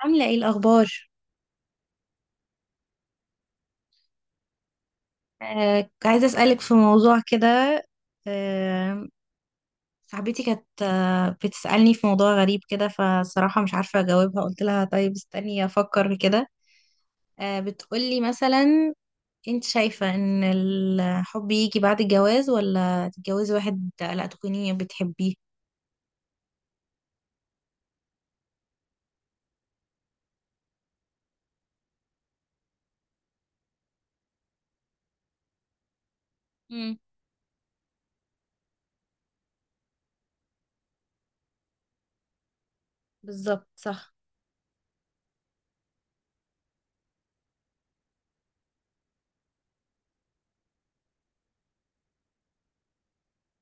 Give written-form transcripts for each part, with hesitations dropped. عاملة ايه الأخبار؟ عايزة أسألك في موضوع كده. آه، صاحبتي كانت بتسألني في موضوع غريب كده، فصراحة مش عارفة أجاوبها، قلت لها طيب استني أفكر كده. بتقولي مثلا، انت شايفة ان الحب يجي بعد الجواز ولا تتجوزي واحد لا تكوني بتحبيه؟ مم. بالظبط صح.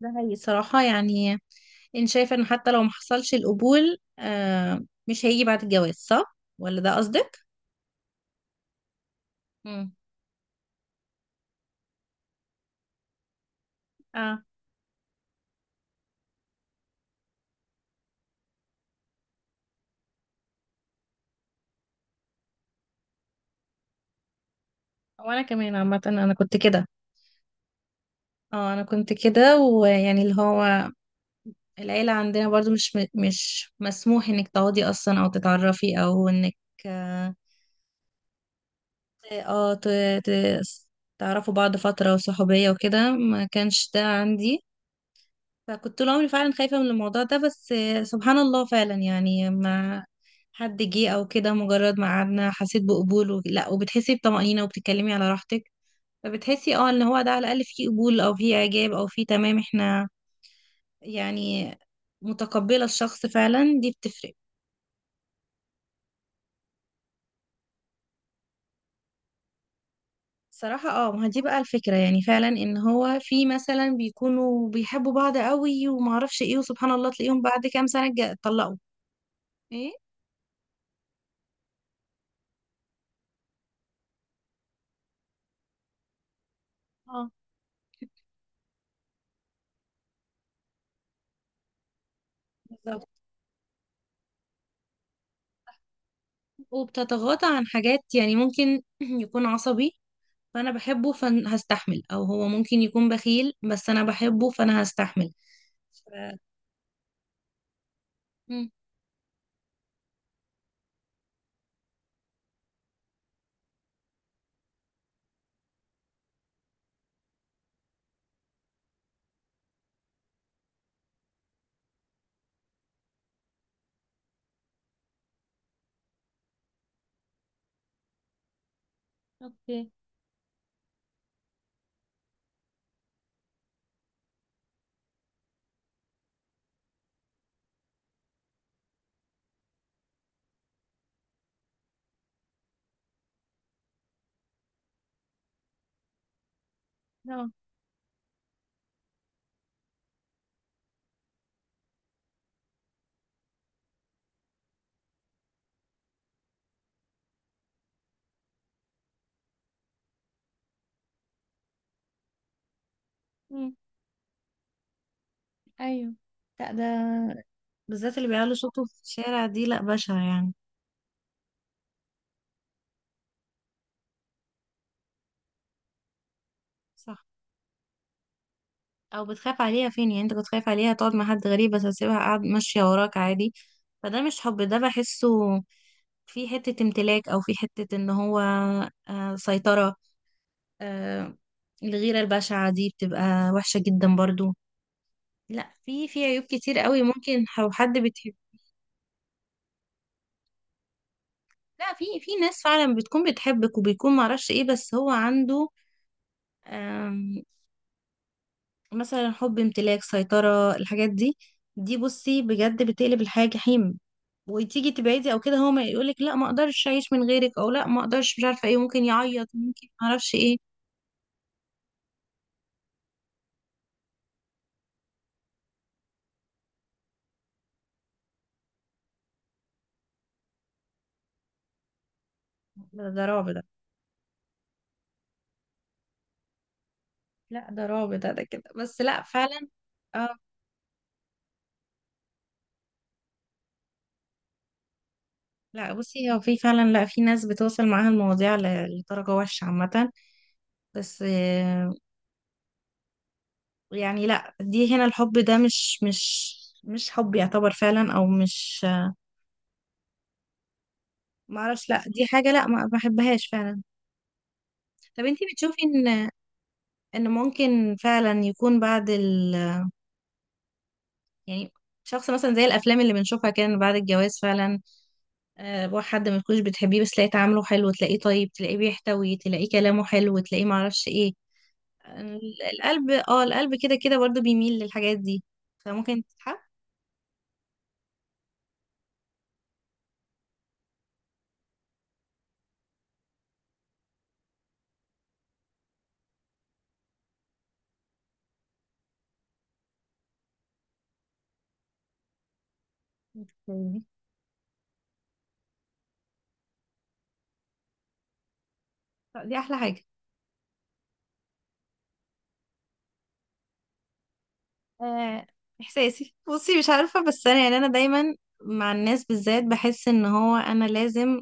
ده هي صراحة يعني انت شايفة ان حتى لو محصلش القبول، مش هيجي بعد الجواز صح؟ ولا ده قصدك؟ مم. اه. وانا كمان عامة انا كنت كده. اه، انا كنت كده ويعني اللي هو العيلة عندنا برضو مش مسموح انك تقعدي اصلا او تتعرفي او انك اه. آه، ت- ت- تعرفوا بعض فترة وصحوبية وكده ما كانش ده عندي. فكنت طول عمري فعلا خايفة من الموضوع ده، بس سبحان الله فعلا يعني مع حد جه او كده مجرد ما قعدنا حسيت بقبول، لا، وبتحسي بطمأنينة وبتتكلمي على راحتك. فبتحسي اه ان هو ده على الاقل فيه قبول او فيه اعجاب او فيه تمام، احنا يعني متقبلة الشخص فعلا، دي بتفرق. صراحة اه، ما هي دي بقى الفكرة، يعني فعلا ان هو في مثلا بيكونوا بيحبوا بعض قوي ومعرفش ايه وسبحان الله تلاقيهم بعد كام سنة اتطلقوا. ايه. اه. بالظبط. وبتتغاضى عن حاجات يعني ممكن يكون عصبي، فانا بحبه فهستحمل، او هو ممكن يكون بخيل بس انا بحبه فانا هستحمل. ف... مم. اوكي. اه. ايوه. لا ده بالذات اللي بيعلوا صوته في الشارع دي لا بشعة يعني. صح. او بتخاف عليها فين يعني، انت كنت خايف عليها تقعد مع حد غريب بس هتسيبها قاعد ماشية وراك عادي؟ فده مش حب ده، بحسه في حتة امتلاك او في حتة ان هو سيطرة. آه الغيرة البشعة دي بتبقى وحشة جدا برضو. لا، في في عيوب كتير قوي ممكن لو حد بتحب. لا، في في ناس فعلا بتكون بتحبك وبيكون معرفش ايه بس هو عنده مثلا حب امتلاك سيطرة، الحاجات دي دي بصي بجد بتقلب الحياة جحيم. وتيجي تبعدي او كده هو ما يقولك لا، ما اقدرش اعيش من غيرك، او لا ما اقدرش مش عارفة ايه، ممكن يعيط ممكن ما اعرفش ايه. ده رعب ده. لا ده رعب ده، كده بس لا فعلا. اه. لا بصي هو في فعلا، لا في ناس بتوصل معاها المواضيع لدرجة وحشة عامة، بس يعني لا دي هنا الحب ده مش حب يعتبر فعلا، او مش معرفش، لا دي حاجة، لا ما بحبهاش فعلا. طب انتي بتشوفي ان ممكن فعلا يكون بعد ال يعني شخص مثلا زي الافلام اللي بنشوفها كان بعد الجواز فعلا. بقى حد ما تكونش بتحبيه، بس تلاقيه تعامله حلو، تلاقيه طيب، تلاقيه بيحتوي، تلاقيه كلامه حلو، تلاقيه معرفش ايه. القلب كده كده برضه بيميل للحاجات دي، فممكن تتحب. اوكي. طب دي احلى حاجة. آه، احساسي بصي مش عارفة، بس انا يعني انا دايما مع الناس بالذات بحس ان هو انا لازم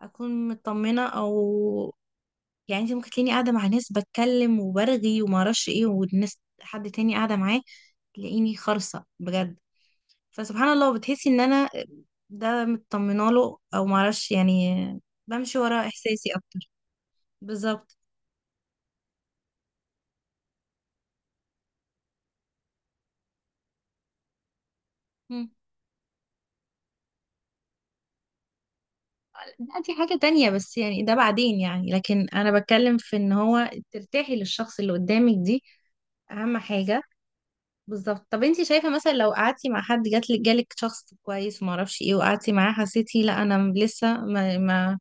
اكون مطمنة، او يعني انت ممكن تلاقيني قاعده مع ناس بتكلم وبرغي وما اعرفش ايه، والناس حد تاني قاعده معاه، تلاقيني خرصه بجد. فسبحان الله بتحسي ان انا ده مطمنه له او ما اعرفش يعني، بمشي ورا احساسي اكتر. بالظبط. مم. لا دي حاجه تانية، بس يعني ده بعدين يعني، لكن انا بتكلم في ان هو ترتاحي للشخص اللي قدامك، دي اهم حاجه. بالظبط. طب انت شايفه مثلا لو قعدتي مع حد جات لك جالك شخص كويس وما اعرفش ايه وقعدتي معاه حسيتي لا انا لسه ما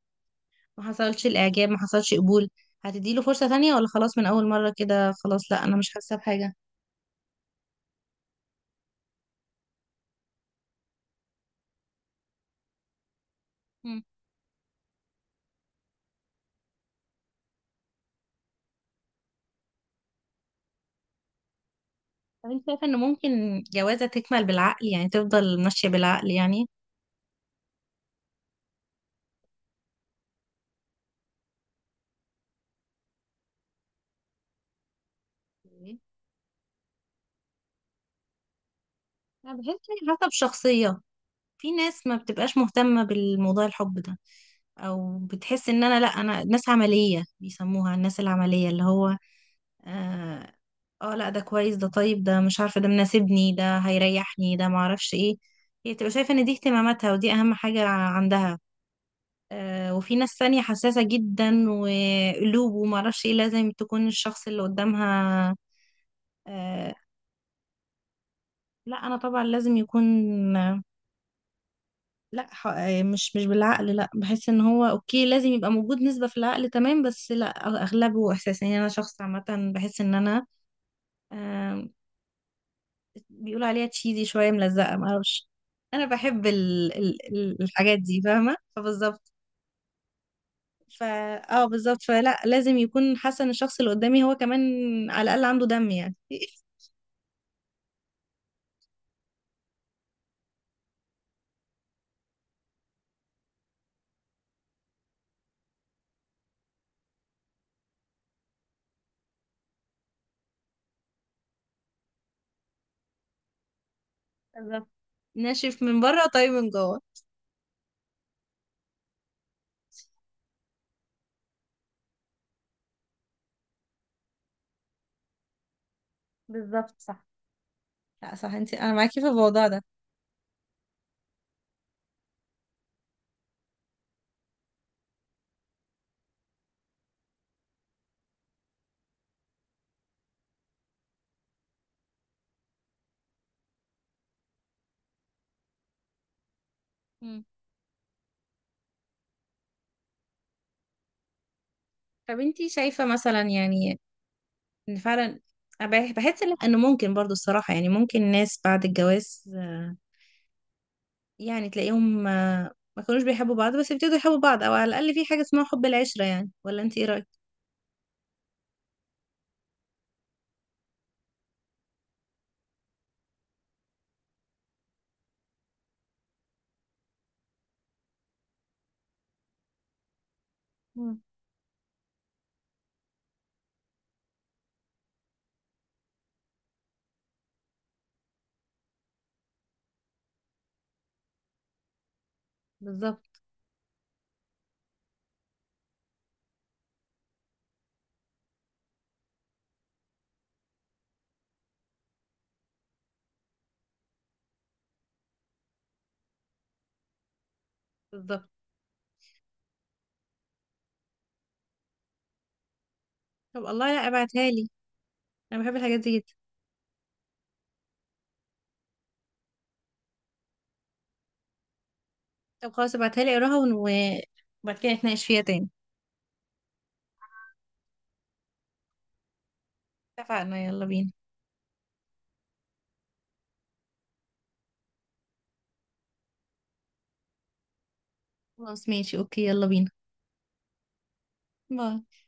ما حصلش الاعجاب، ما حصلش قبول، هتديله فرصة تانية ولا خلاص من اول مرة كده خلاص لا انا مش حاسة بحاجة؟ مم. طب انت شايفة ان ممكن جوازة تكمل بالعقل يعني، تفضل ماشية بالعقل يعني؟ إيه؟ انا بحس ان حسب شخصية، في ناس ما بتبقاش مهتمة بالموضوع الحب ده، او بتحس ان انا لا انا ناس عملية بيسموها، الناس العملية اللي هو اه، لا ده كويس ده، طيب ده، مش عارفة ده مناسبني ده هيريحني ده معرفش ايه، هي تبقى شايفة ان دي اهتماماتها ودي اهم حاجة عندها. وفي ناس تانية حساسة جدا وقلوب ومعرفش ايه، لازم تكون الشخص اللي قدامها. آه، لا انا طبعا لازم يكون. لا، مش بالعقل، لا بحس ان هو اوكي لازم يبقى موجود نسبة في العقل تمام، بس لا اغلبه احساس يعني. انا شخص عامة بحس ان انا آه، بيقولوا عليها تشيزي شوية ملزقة معرفش، انا بحب الحاجات دي، فاهمة؟ فبالظبط. ف اه بالظبط، فلا لازم يكون حاسه ان الشخص اللي قدامي هو كمان على الاقل عنده دم يعني بالظبط. ناشف من بره طيب من جوه. بالظبط صح. لا صح، انا معاكي في الموضوع ده. مم. طب انتي شايفة مثلا يعني ان فعلا أنا بحس ان ممكن برضو الصراحة يعني، ممكن ناس بعد الجواز يعني تلاقيهم ما كانوش بيحبوا بعض بس يبتدوا يحبوا بعض، او على الاقل في حاجة اسمها حب العشرة يعني، ولا انت ايه رأيك؟ مم. بالظبط. بالظبط. طب الله، لا ابعتها لي، انا بحب الحاجات دي جدا. طب خلاص ابعتها لي اقراها وبعد كده نتناقش فيها تاني. اتفقنا، يلا بينا. خلاص ماشي اوكي، يلا بينا. باي.